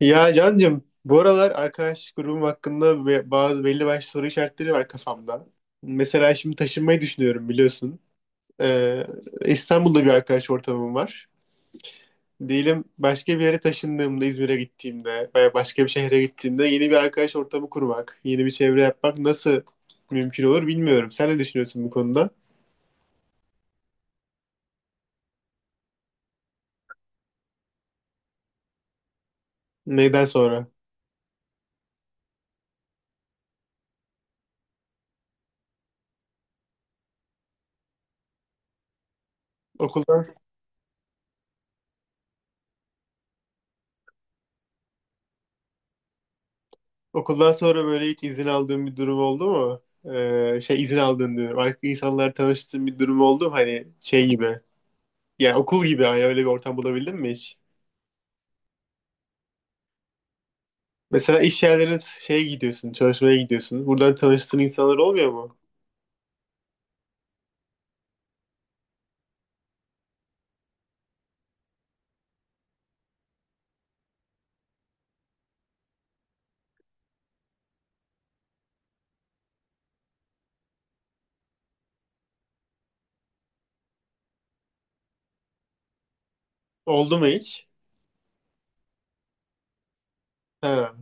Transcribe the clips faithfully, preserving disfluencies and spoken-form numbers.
Ya Can'cığım bu aralar arkadaş grubum hakkında ve bazı belli başlı soru işaretleri var kafamda. Mesela şimdi taşınmayı düşünüyorum biliyorsun. Ee, İstanbul'da bir arkadaş ortamım var. Diyelim başka bir yere taşındığımda İzmir'e gittiğimde veya başka bir şehre gittiğimde yeni bir arkadaş ortamı kurmak, yeni bir çevre yapmak nasıl mümkün olur bilmiyorum. Sen ne düşünüyorsun bu konuda? Neyden sonra? Okuldan Okuldan sonra böyle hiç izin aldığın bir durum oldu mu? Ee, şey izin aldığın diyorum. Farklı insanlar tanıştığın bir durum oldu mu? Hani şey gibi. Yani okul gibi hani öyle bir ortam bulabildin mi hiç? Mesela iş yerlerine şeye gidiyorsun, çalışmaya gidiyorsun. Buradan tanıştığın insanlar olmuyor mu? Oldu mu hiç? Ha.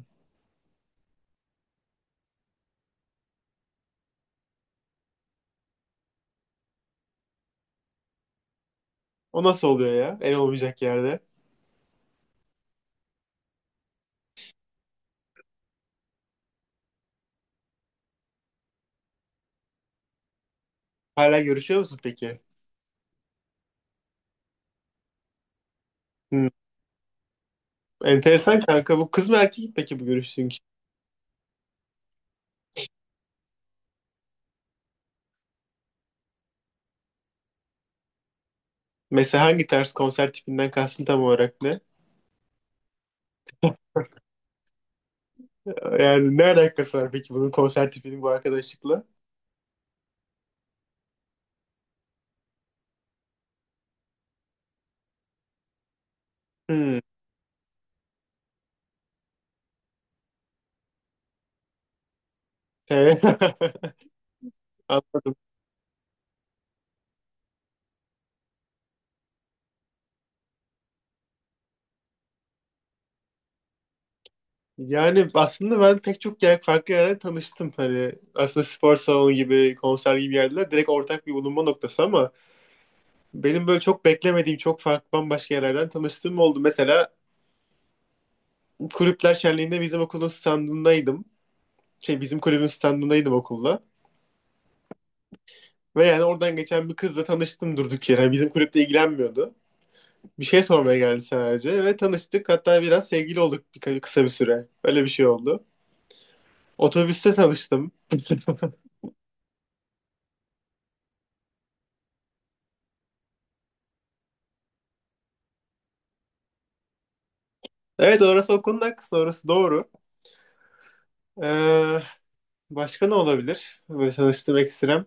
O nasıl oluyor ya? En olmayacak yerde. Hala görüşüyor musun peki? Hmm. Enteresan kanka. Bu kız mı erkek mi peki bu görüştüğün kişi? Mesela hangi tarz konser tipinden kastın tam olarak ne? Yani ne alakası var peki bunun konser tipinin bu arkadaşlıkla? Hmm. Te- Anladım. Yani aslında ben pek çok yer, farklı yerden tanıştım. Hani aslında spor salonu gibi, konser gibi yerler direkt ortak bir bulunma noktası ama benim böyle çok beklemediğim, çok farklı bambaşka yerlerden tanıştığım oldu. Mesela kulüpler şenliğinde bizim okulun standındaydım. Şey bizim kulübün standındaydım okulla. Ve yani oradan geçen bir kızla tanıştım durduk yere. Yani bizim kulüple ilgilenmiyordu. Bir şey sormaya geldi sadece ve tanıştık. Hatta biraz sevgili olduk bir, kısa bir süre. Öyle bir şey oldu. Otobüste tanıştım. Evet orası o konunun haklısın, orası doğru. Ee, Başka ne olabilir? Böyle tanıştığım ekstrem.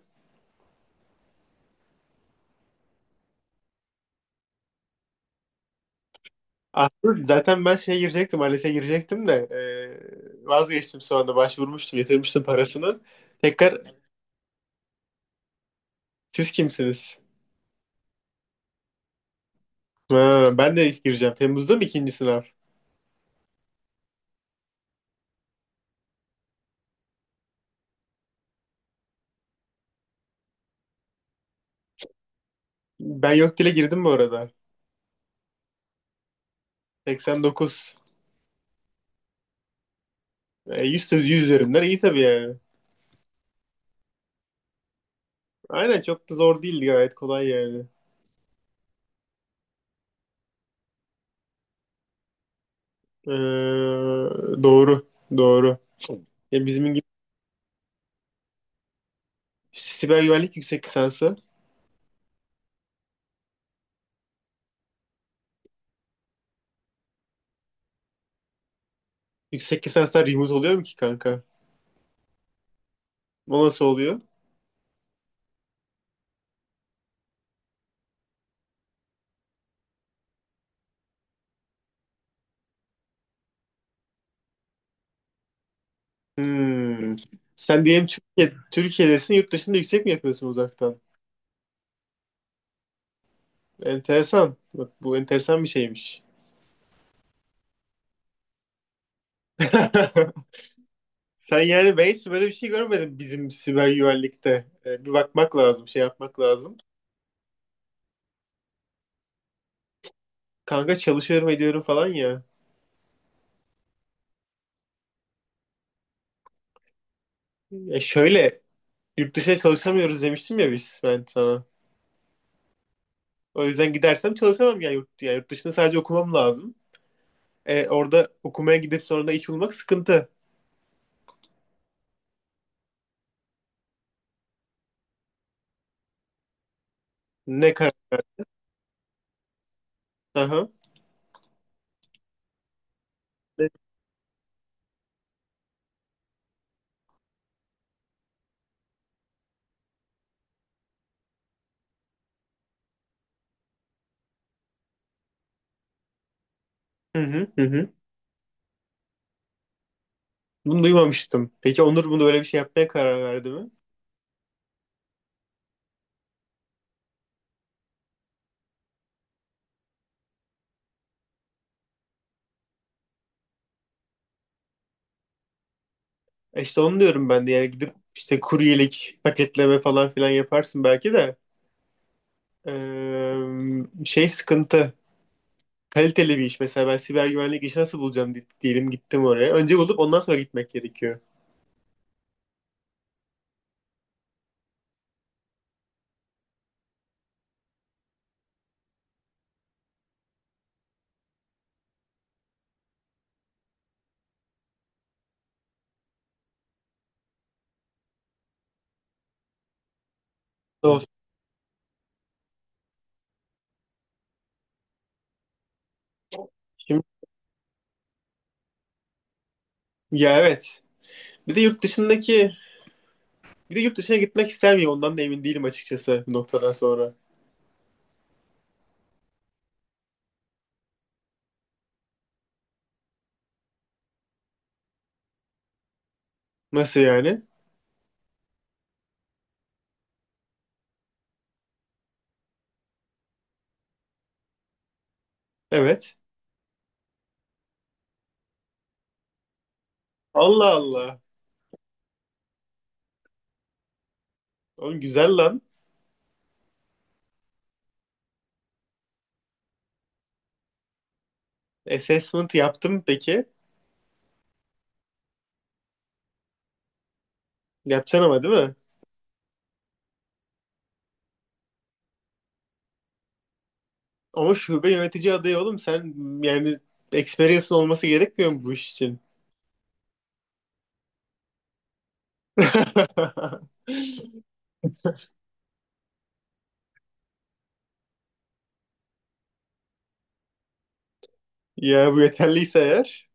Aslında zaten ben şeye girecektim, A L E S'e girecektim de e, vazgeçtim sonra anda. Başvurmuştum, yatırmıştım parasını. Tekrar siz kimsiniz? Ha, ben de gireceğim. Temmuz'da mı ikinci sınav? Ben yok dile girdim bu arada. seksen dokuz. E, yüz, yüz üzerinden iyi tabii yani. Aynen çok da zor değildi gayet kolay yani. Ee, doğru. Doğru. Ya bizim gibi siber güvenlik yüksek lisansı. Yüksek lisanslar remote oluyor mu ki kanka? O nasıl oluyor? Hmm. Sen diyelim Türkiye, Türkiye'desin yurt dışında yüksek mi yapıyorsun uzaktan? Enteresan. Bak bu enteresan bir şeymiş. Sen yani ben hiç böyle bir şey görmedim bizim siber güvenlikte. Ee, bir bakmak lazım, şey yapmak lazım. Kanka çalışıyorum ediyorum falan ya. Ya şöyle Yurt dışına çalışamıyoruz demiştim ya biz ben sana. O yüzden gidersem çalışamam ya yurt, ya yurt dışında sadece okumam lazım. E, orada okumaya gidip sonra da iş bulmak sıkıntı. Ne karar? Aha. Ne- Hı hı hı hı. Bunu duymamıştım. Peki Onur bunu böyle bir şey yapmaya karar verdi mi? E işte onu diyorum ben de yani gidip işte kuryelik, paketleme falan filan yaparsın belki de. Ee, şey sıkıntı. Kaliteli bir iş mesela ben siber güvenlik işi nasıl bulacağım di- diyelim gittim oraya. Önce bulup ondan sonra gitmek gerekiyor. Doğru. Şimdi, ya evet. Bir de yurt dışındaki Bir de yurt dışına gitmek ister miyim? Ondan da emin değilim açıkçası bu noktadan sonra. Nasıl yani? Evet. Allah Allah. Oğlum güzel lan. Assessment yaptım peki. Yapacaksın ama değil mi? Ama şube yönetici adayı oğlum sen yani experience'ın olması gerekmiyor mu bu iş için? Ya bu yeterliyse eğer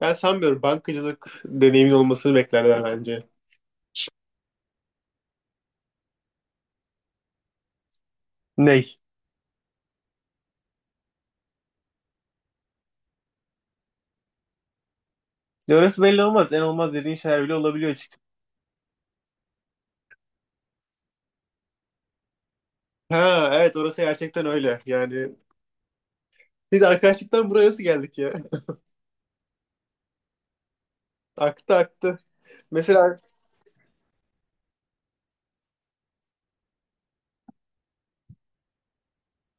ben sanmıyorum bankacılık deneyimin olmasını beklerler bence. Ney? Ya orası belli olmaz. En olmaz dediğin şeyler bile olabiliyor açıkçası. Ha evet orası gerçekten öyle. Yani biz arkadaşlıktan buraya nasıl geldik ya? Aktı aktı. Mesela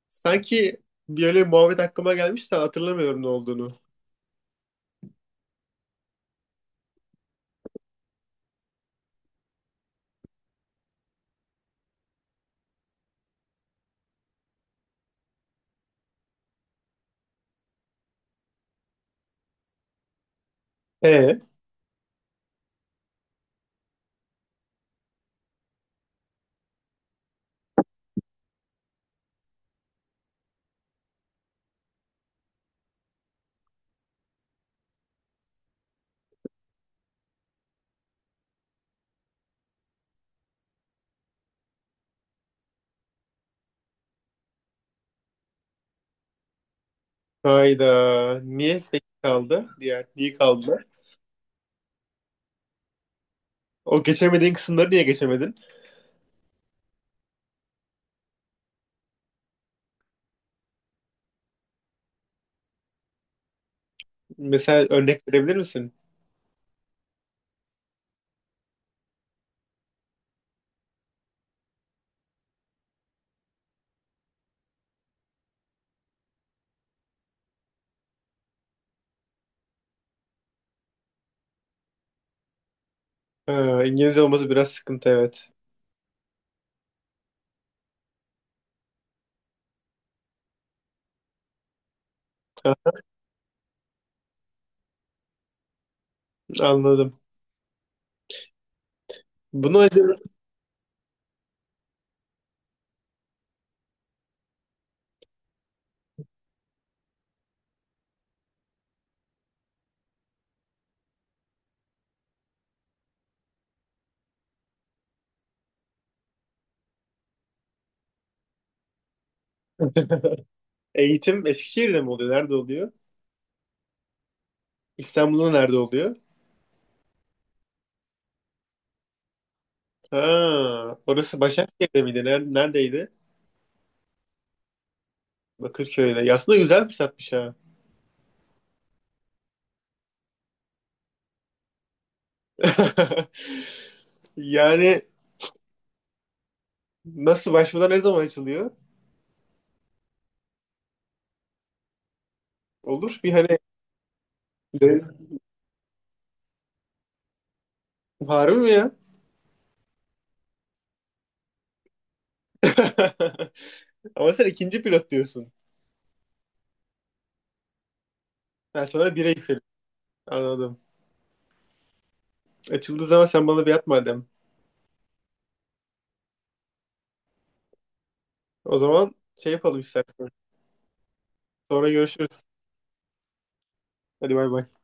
sanki bir öyle muhabbet aklıma gelmişti hatırlamıyorum ne olduğunu. E hayda niye tek kaldı? Diğer niye kaldı? O geçemediğin kısımları niye geçemedin? Mesela örnek verebilir misin? Ha, İngilizce olması biraz sıkıntı evet. Anladım. Bunu acaba eğitim Eskişehir'de mi oluyor? Nerede oluyor? İstanbul'da nerede oluyor? Ha, orası Başakşehir'de miydi? Ner- Neredeydi? Bakırköy'de. Ya aslında güzel fırsatmış ha. Yani nasıl başvurda ne zaman açılıyor? Olur bir hani var mı ya? Ama sen ikinci pilot diyorsun. Ben sonra bire yükseliyorum. Anladım. Açıldığı zaman sen bana bir at madem. O zaman şey yapalım istersen. Sonra görüşürüz. Hadi bay bay.